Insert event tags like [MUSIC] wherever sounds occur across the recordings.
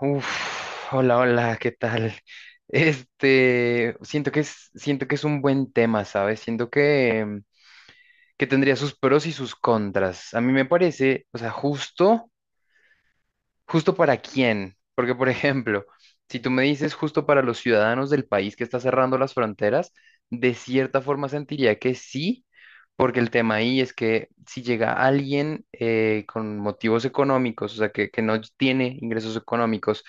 Hola, hola, ¿qué tal? Siento que es un buen tema, ¿sabes? Siento que tendría sus pros y sus contras. A mí me parece, o sea, justo para quién. Porque, por [LAUGHS] ejemplo, si tú me dices justo para los ciudadanos del país que está cerrando las fronteras, de cierta forma sentiría que sí, porque el tema ahí es que si llega alguien con motivos económicos, o sea, que no tiene ingresos económicos,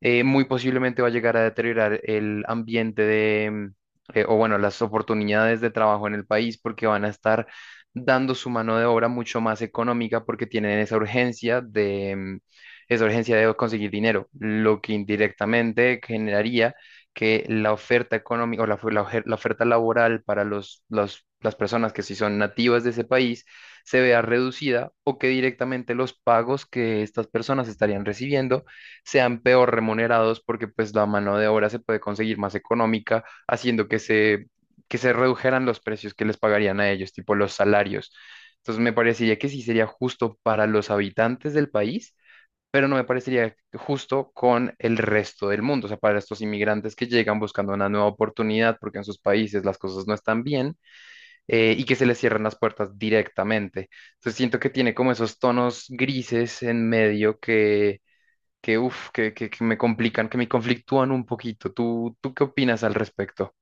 muy posiblemente va a llegar a deteriorar el ambiente de, o bueno, las oportunidades de trabajo en el país porque van a estar dando su mano de obra mucho más económica porque tienen esa urgencia de, esa urgencia de conseguir dinero, lo que indirectamente generaría que la oferta económica o la oferta laboral para las personas que sí son nativas de ese país se vea reducida o que directamente los pagos que estas personas estarían recibiendo sean peor remunerados porque pues la mano de obra se puede conseguir más económica, haciendo que se redujeran los precios que les pagarían a ellos, tipo los salarios. Entonces me parecería que sí sería justo para los habitantes del país, pero no me parecería justo con el resto del mundo, o sea, para estos inmigrantes que llegan buscando una nueva oportunidad porque en sus países las cosas no están bien y que se les cierran las puertas directamente. Entonces siento que tiene como esos tonos grises en medio que me complican, que me conflictúan un poquito. ¿Tú qué opinas al respecto?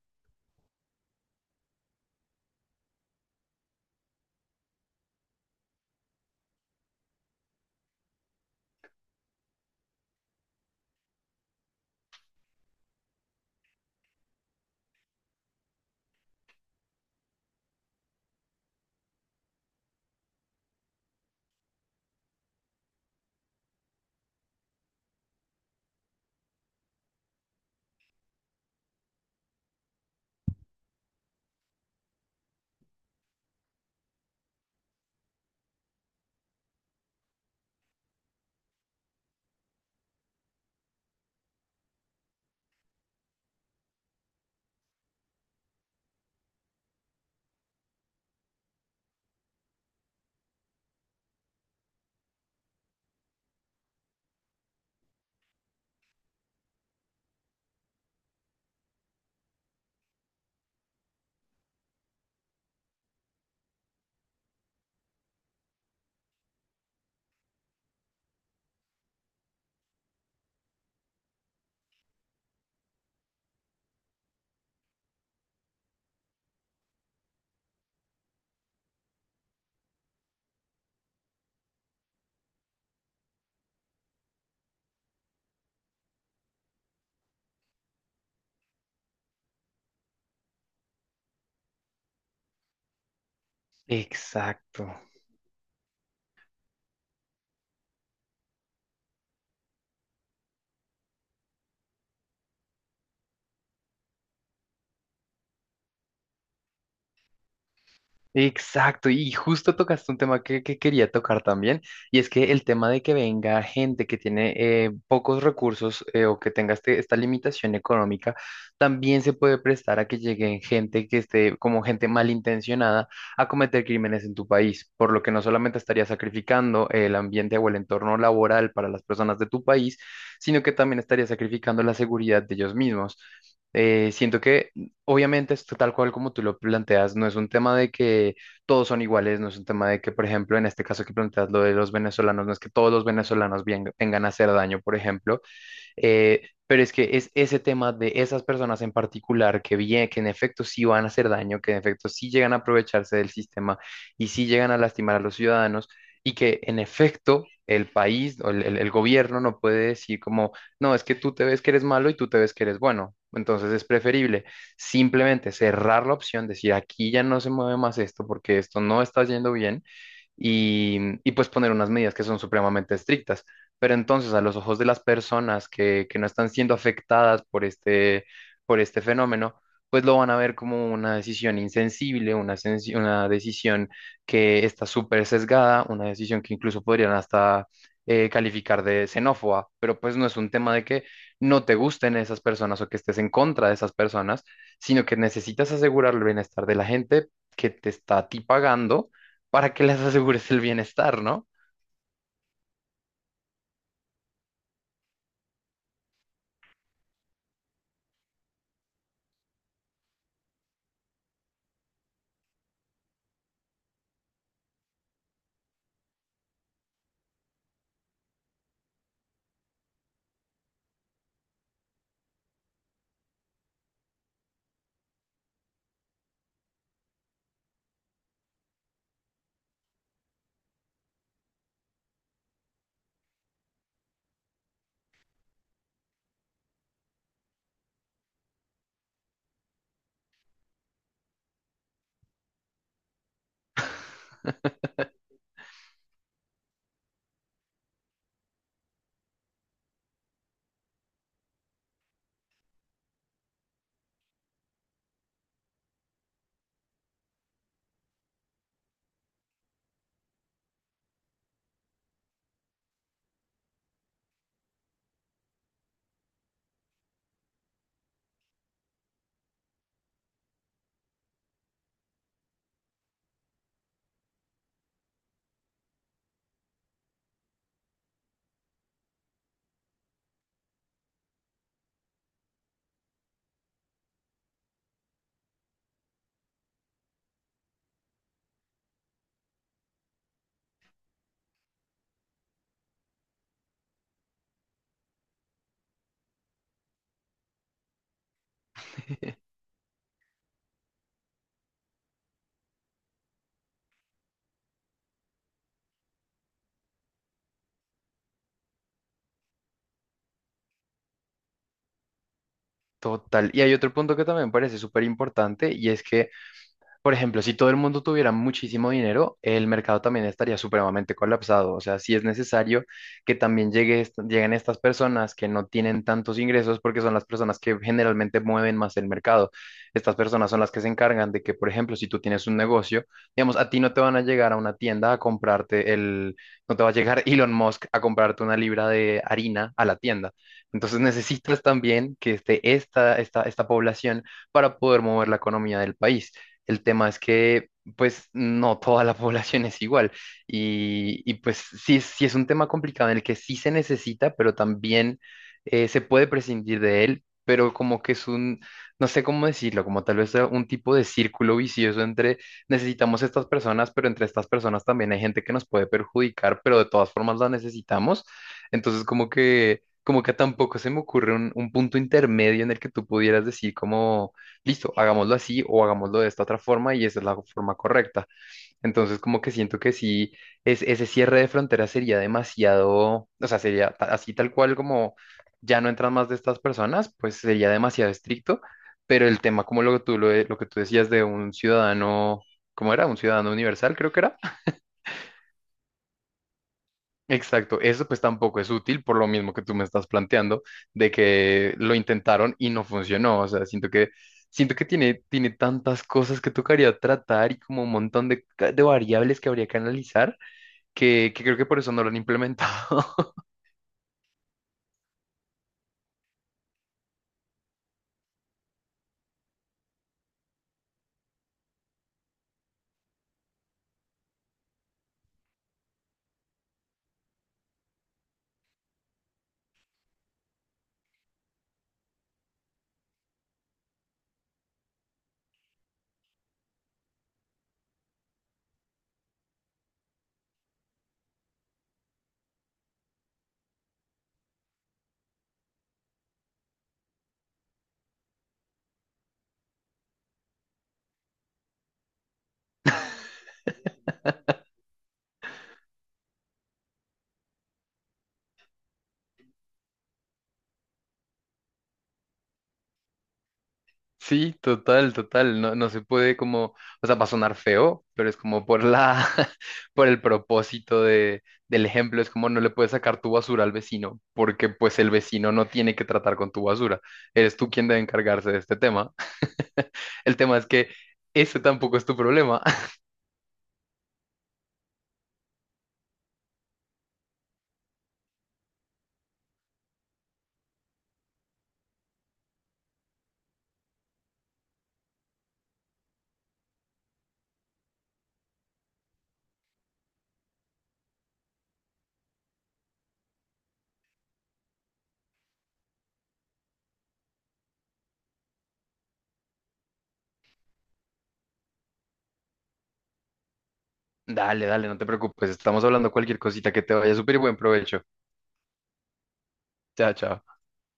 Exacto. Exacto, y justo tocaste un tema que quería tocar también, y es que el tema de que venga gente que tiene pocos recursos o que tenga esta limitación económica, también se puede prestar a que lleguen gente que esté como gente malintencionada a cometer crímenes en tu país, por lo que no solamente estaría sacrificando el ambiente o el entorno laboral para las personas de tu país, sino que también estaría sacrificando la seguridad de ellos mismos. Siento que obviamente es tal cual como tú lo planteas, no es un tema de que todos son iguales, no es un tema de que, por ejemplo, en este caso que planteas lo de los venezolanos, no es que todos los venezolanos vengan a hacer daño, por ejemplo, pero es que es ese tema de esas personas en particular que bien, que en efecto sí van a hacer daño, que en efecto sí llegan a aprovecharse del sistema y sí llegan a lastimar a los ciudadanos y que en efecto el país o el gobierno no puede decir como, no, es que tú te ves que eres malo y tú te ves que eres bueno. Entonces es preferible simplemente cerrar la opción, decir, aquí ya no se mueve más esto porque esto no está yendo bien y, y, pues poner unas medidas que son supremamente estrictas. Pero entonces a los ojos de las personas que no están siendo afectadas por por este fenómeno, pues lo van a ver como una decisión insensible, una decisión que está súper sesgada, una decisión que incluso podrían hasta calificar de xenófoba, pero pues no es un tema de que no te gusten esas personas o que estés en contra de esas personas, sino que necesitas asegurar el bienestar de la gente que te está a ti pagando para que les asegures el bienestar, ¿no? [LAUGHS] Total. Y hay otro punto que también me parece súper importante y es que, por ejemplo, si todo el mundo tuviera muchísimo dinero, el mercado también estaría supremamente colapsado. O sea, sí es necesario que también lleguen estas personas que no tienen tantos ingresos porque son las personas que generalmente mueven más el mercado. Estas personas son las que se encargan de que, por ejemplo, si tú tienes un negocio, digamos, a ti no te van a llegar a una tienda a comprarte no te va a llegar [LAUGHS] Elon Musk a comprarte una libra de harina a la tienda. Entonces necesitas también que esté esta población para poder mover la economía del país. El tema es que, pues, no toda la [LAUGHS] población es igual. Y, pues, sí, sí es un tema complicado en el que sí se necesita, pero también se puede prescindir de él, pero como que es un, no sé cómo decirlo, como tal vez sea un tipo de círculo vicioso entre necesitamos estas personas, pero entre estas personas también hay gente que nos puede perjudicar, pero de todas formas la necesitamos. Entonces, como que tampoco se me ocurre un punto intermedio en el que tú pudieras decir como listo, hagámoslo así o hagámoslo de esta otra forma y esa es la forma correcta. Entonces, como que siento que sí, es, ese cierre de fronteras sería demasiado, o sea, así tal cual como ya no entran más de estas personas, pues sería demasiado estricto, pero el tema como lo que tú, lo que tú decías de un ciudadano, ¿cómo era? Un ciudadano universal, creo que era. Exacto, eso pues tampoco es útil por lo mismo que tú me estás planteando, de que lo intentaron y no funcionó, o sea, siento que tiene, tiene tantas cosas que tocaría tratar y como un montón de, de variables que habría que analizar, que creo que por eso no lo han implementado. [LAUGHS] Sí, total, total. No, no se puede como, o sea, va a sonar feo, pero es como por la, [LAUGHS] por el propósito de, del ejemplo, es como no le puedes sacar tu basura al vecino, porque pues el vecino no tiene que tratar con tu basura. Eres tú quien debe encargarse de este tema. [LAUGHS] El tema es que ese tampoco es tu problema. [LAUGHS] Dale, dale, no te preocupes. Estamos hablando cualquier cosita que te vaya súper buen provecho. Chao, chao.